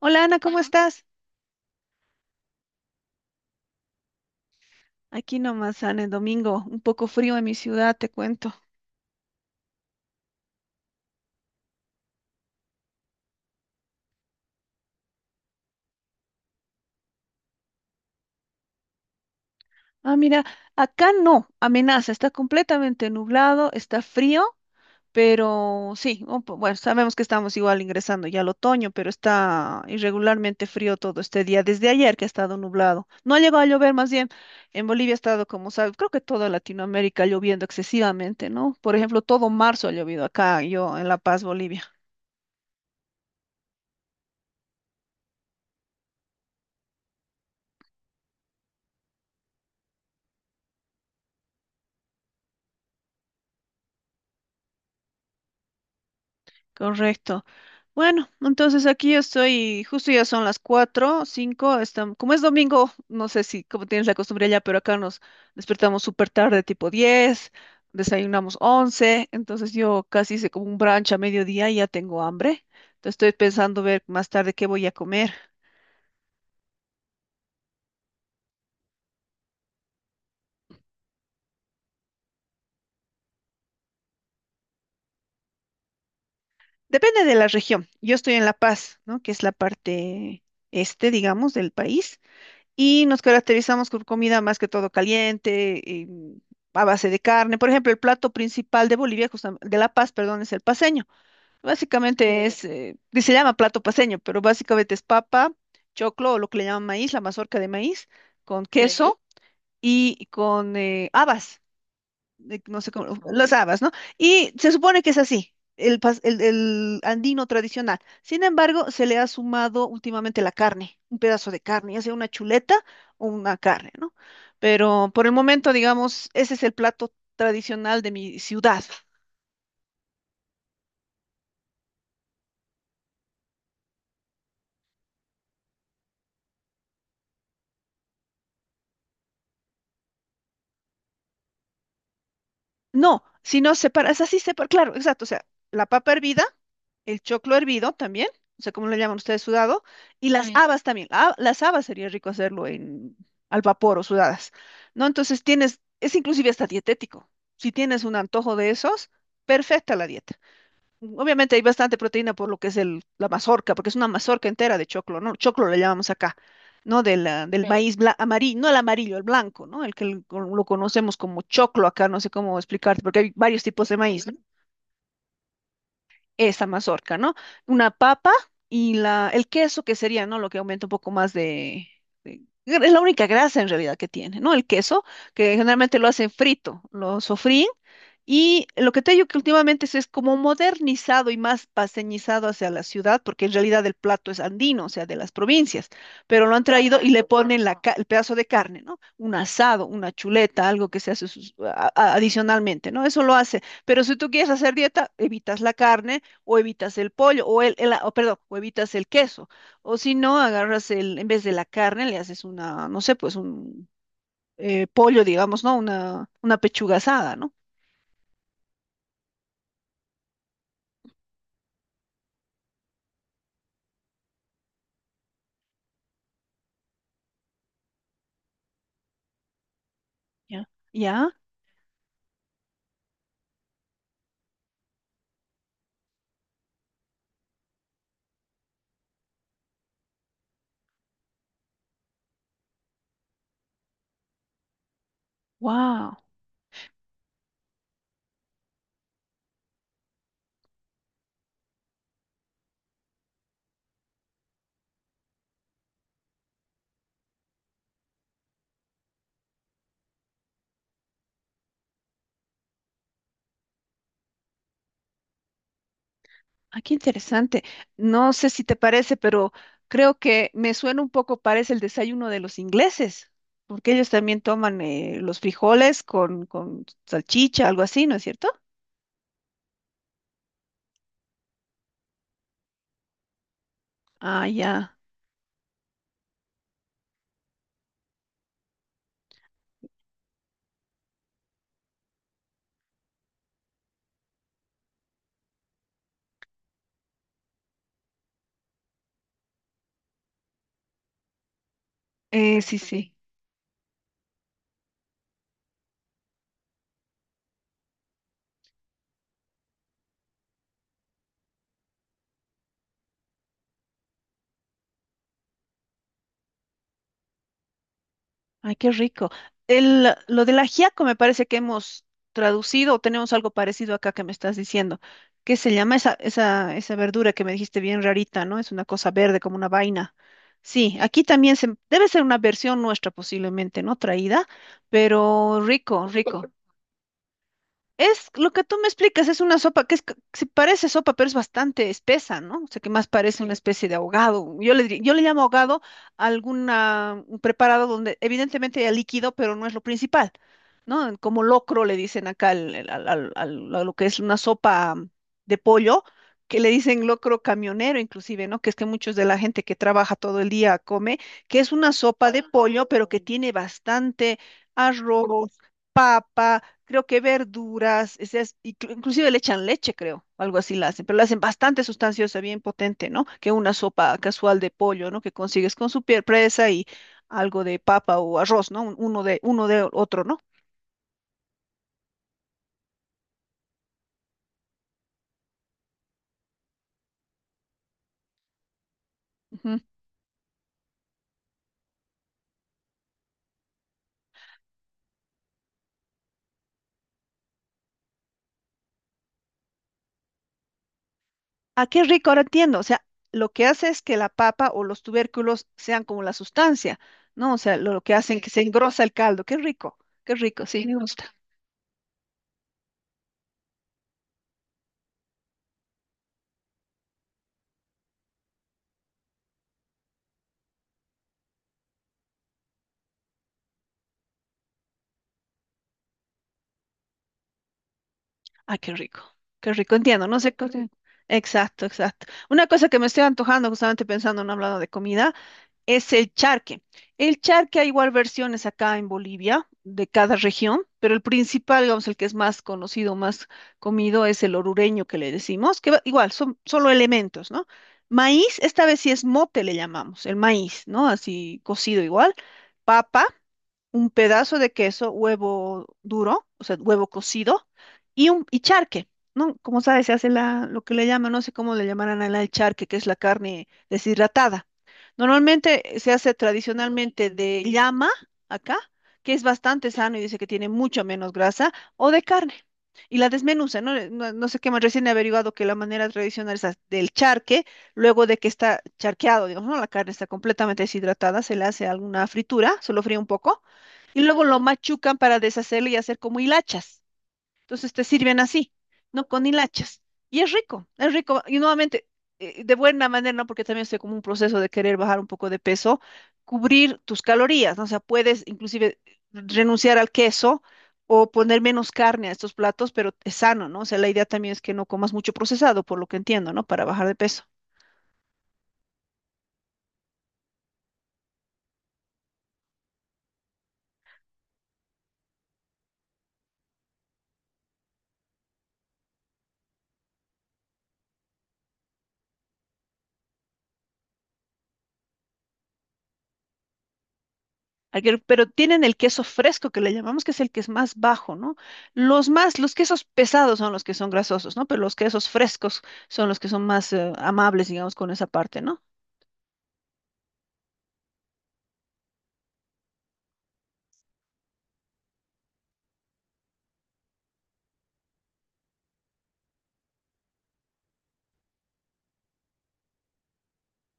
Hola Ana, ¿cómo estás? Aquí nomás, Ana, el domingo, un poco frío en mi ciudad, te cuento. Ah, mira, acá no, amenaza, está completamente nublado, está frío, pero sí, sabemos que estamos igual ingresando ya al otoño, pero está irregularmente frío todo este día, desde ayer que ha estado nublado. No ha llegado a llover, más bien, en Bolivia ha estado, como sabes, creo que toda Latinoamérica lloviendo excesivamente, ¿no? Por ejemplo, todo marzo ha llovido acá, yo en La Paz, Bolivia. Correcto. Bueno, entonces aquí estoy, justo ya son las 4, 5, están, como es domingo, no sé si como tienes la costumbre allá, pero acá nos despertamos súper tarde, tipo 10. Desayunamos 11. Entonces yo casi hice como un brunch a mediodía y ya tengo hambre. Entonces estoy pensando ver más tarde qué voy a comer. Depende de la región. Yo estoy en La Paz, ¿no? Que es la parte este, digamos, del país. Y nos caracterizamos por comida más que todo caliente, y, a base de carne. Por ejemplo, el plato principal de Bolivia, de La Paz, perdón, es el paceño. Básicamente es, que se llama plato paceño, pero básicamente es papa, choclo o lo que le llaman maíz, la mazorca de maíz, con queso y con habas no sé cómo, las habas, ¿no? Y se supone que es así, el, el andino tradicional. Sin embargo, se le ha sumado últimamente la carne, un pedazo de carne, ya sea una chuleta o una carne, ¿no? Pero por el momento, digamos, ese es el plato tradicional de mi ciudad. No, sino separas, así separa, claro, exacto, o sea, la papa hervida, el choclo hervido también, o sea, como le llaman ustedes sudado, y las Sí. Habas también. Las habas sería rico hacerlo en al vapor o sudadas, ¿no? Entonces tienes, es inclusive hasta dietético. Si tienes un antojo de esos, perfecta la dieta. Obviamente hay bastante proteína por lo que es la mazorca, porque es una mazorca entera de choclo, ¿no? Choclo le llamamos acá, ¿no? Del Sí. maíz amarillo, no el amarillo, el blanco, ¿no? El que lo conocemos como choclo acá, no sé cómo explicarte, porque hay varios tipos de maíz, ¿no? Esa mazorca, ¿no? Una papa y el queso que sería, ¿no? Lo que aumenta un poco más de... Es la única grasa en realidad que tiene, ¿no? El queso, que generalmente lo hacen frito, lo sofríen y lo que te digo que últimamente se es como modernizado y más paseñizado hacia la ciudad, porque en realidad el plato es andino, o sea, de las provincias, pero lo han traído y le ponen el pedazo de carne, ¿no? Un asado, una chuleta, algo que se hace adicionalmente, ¿no? Eso lo hace. Pero si tú quieres hacer dieta, evitas la carne o evitas el pollo o o evitas el queso. O si no, agarras el, en vez de la carne, le haces una, no sé, pues un pollo, digamos, ¿no? Una pechuga asada, ¿no? Ya. ¿Ya? Wow, ah, qué interesante. No sé si te parece, pero creo que me suena un poco, parece el desayuno de los ingleses, porque ellos también toman los frijoles con salchicha, algo así, ¿no es cierto? Ah, ya. Sí, sí. Ay, qué rico. El, lo del ajiaco me parece que hemos traducido o tenemos algo parecido acá que me estás diciendo. ¿Qué se llama esa verdura que me dijiste bien rarita, ¿no? Es una cosa verde como una vaina. Sí, aquí también se, debe ser una versión nuestra posiblemente, ¿no? Traída, pero rico, rico. Es lo que tú me explicas, es una sopa que es, sí parece sopa, pero es bastante espesa, ¿no? O sea, que más parece una especie de ahogado. Yo le, yo le llamo ahogado a alguna, un preparado donde evidentemente hay líquido, pero no es lo principal, ¿no? Como locro le dicen acá a lo que es una sopa de pollo, que le dicen locro camionero inclusive, ¿no? Que es que muchos de la gente que trabaja todo el día come, que es una sopa de pollo, pero que tiene bastante arroz, papa, creo que verduras, inclusive le echan leche, creo, algo así la hacen, pero la hacen bastante sustanciosa, bien potente, ¿no? Que una sopa casual de pollo, ¿no? Que consigues con su piel presa y algo de papa o arroz, ¿no? Uno de otro, ¿no? Ujú. Ah, qué rico, ahora entiendo. O sea, lo que hace es que la papa o los tubérculos sean como la sustancia, ¿no? O sea, lo que hacen que se engrosa el caldo. Qué rico, sí. Me gusta. Ah, qué rico, entiendo, no sé. Exacto, exacto. Una cosa que me estoy antojando, justamente pensando en hablando de comida, es el charque. El charque hay igual versiones acá en Bolivia, de cada región, pero el principal, digamos, el que es más conocido, más comido, es el orureño que le decimos, que igual son solo elementos, ¿no? Maíz, esta vez sí es mote, le llamamos, el maíz, ¿no? Así cocido igual. Papa, un pedazo de queso, huevo duro, o sea, huevo cocido, y un y charque, ¿no? Como sabes, se hace la, lo que le llaman, no sé cómo le llamarán allá el charque, que es la carne deshidratada. Normalmente se hace tradicionalmente de llama, acá, que es bastante sano y dice que tiene mucho menos grasa, o de carne. Y la desmenuza, ¿no? No, no sé qué más, recién he averiguado que la manera tradicional es del charque, luego de que está charqueado, digamos, ¿no? La carne está completamente deshidratada, se le hace alguna fritura, se lo fríe un poco y luego lo machucan para deshacerlo y hacer como hilachas. Entonces te sirven así, ¿no? Con hilachas. Y es rico, es rico. Y nuevamente, de buena manera, ¿no? Porque también estoy como un proceso de querer bajar un poco de peso, cubrir tus calorías, ¿no? O sea, puedes inclusive renunciar al queso o poner menos carne a estos platos, pero es sano, ¿no? O sea, la idea también es que no comas mucho procesado, por lo que entiendo, ¿no? Para bajar de peso. Pero tienen el queso fresco que le llamamos, que es el que es más bajo, ¿no? Los más, los quesos pesados son los que son grasosos, ¿no? Pero los quesos frescos son los que son más amables, digamos, con esa parte, ¿no?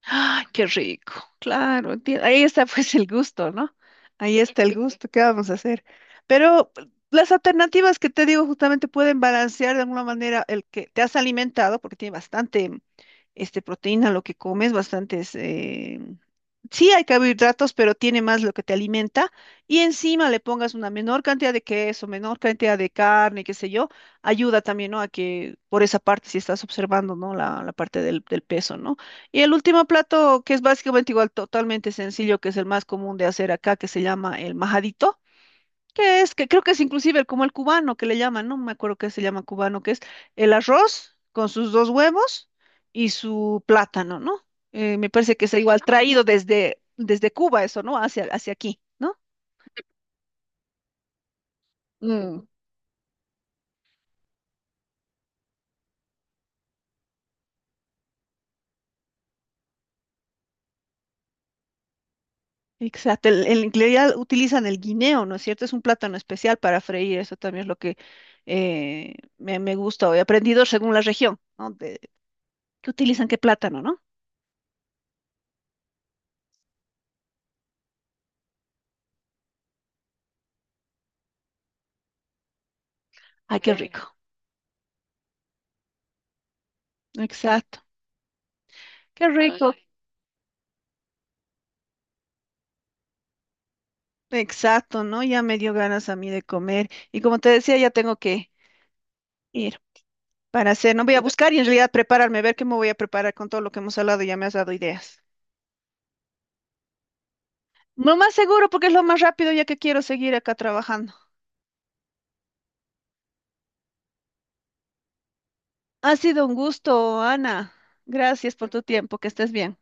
¡Ay, qué rico! Claro, ahí está pues el gusto, ¿no? Ahí está el gusto, ¿qué vamos a hacer? Pero las alternativas que te digo justamente pueden balancear de alguna manera el que te has alimentado, porque tiene bastante este, proteína lo que comes, bastantes sí hay carbohidratos, pero tiene más lo que te alimenta y encima le pongas una menor cantidad de queso, menor cantidad de carne, qué sé yo, ayuda también, ¿no? A que por esa parte, si estás observando, ¿no? La parte del peso, ¿no? Y el último plato, que es básicamente igual, totalmente sencillo, que es el más común de hacer acá, que se llama el majadito que es? Que creo que es inclusive como el cubano que le llaman, no me acuerdo qué se llama cubano, que es el arroz con sus 2 huevos y su plátano, ¿no? Me parece que es igual traído desde, desde Cuba eso, ¿no? Hacia, hacia aquí, ¿no? Mm, exacto, el, en realidad utilizan el guineo, ¿no es cierto? Es un plátano especial para freír, eso también es lo que me gusta, o he aprendido según la región, ¿no? De, ¿qué utilizan? ¿Qué plátano, no? Ay, qué ok. rico, exacto, qué rico. Exacto, ¿no? Ya me dio ganas a mí de comer. Y como te decía, ya tengo que ir para hacer, no voy a buscar y en realidad prepararme, ver qué me voy a preparar con todo lo que hemos hablado, ya me has dado ideas. Lo más seguro porque es lo más rápido ya que quiero seguir acá trabajando. Ha sido un gusto, Ana. Gracias por tu tiempo, que estés bien.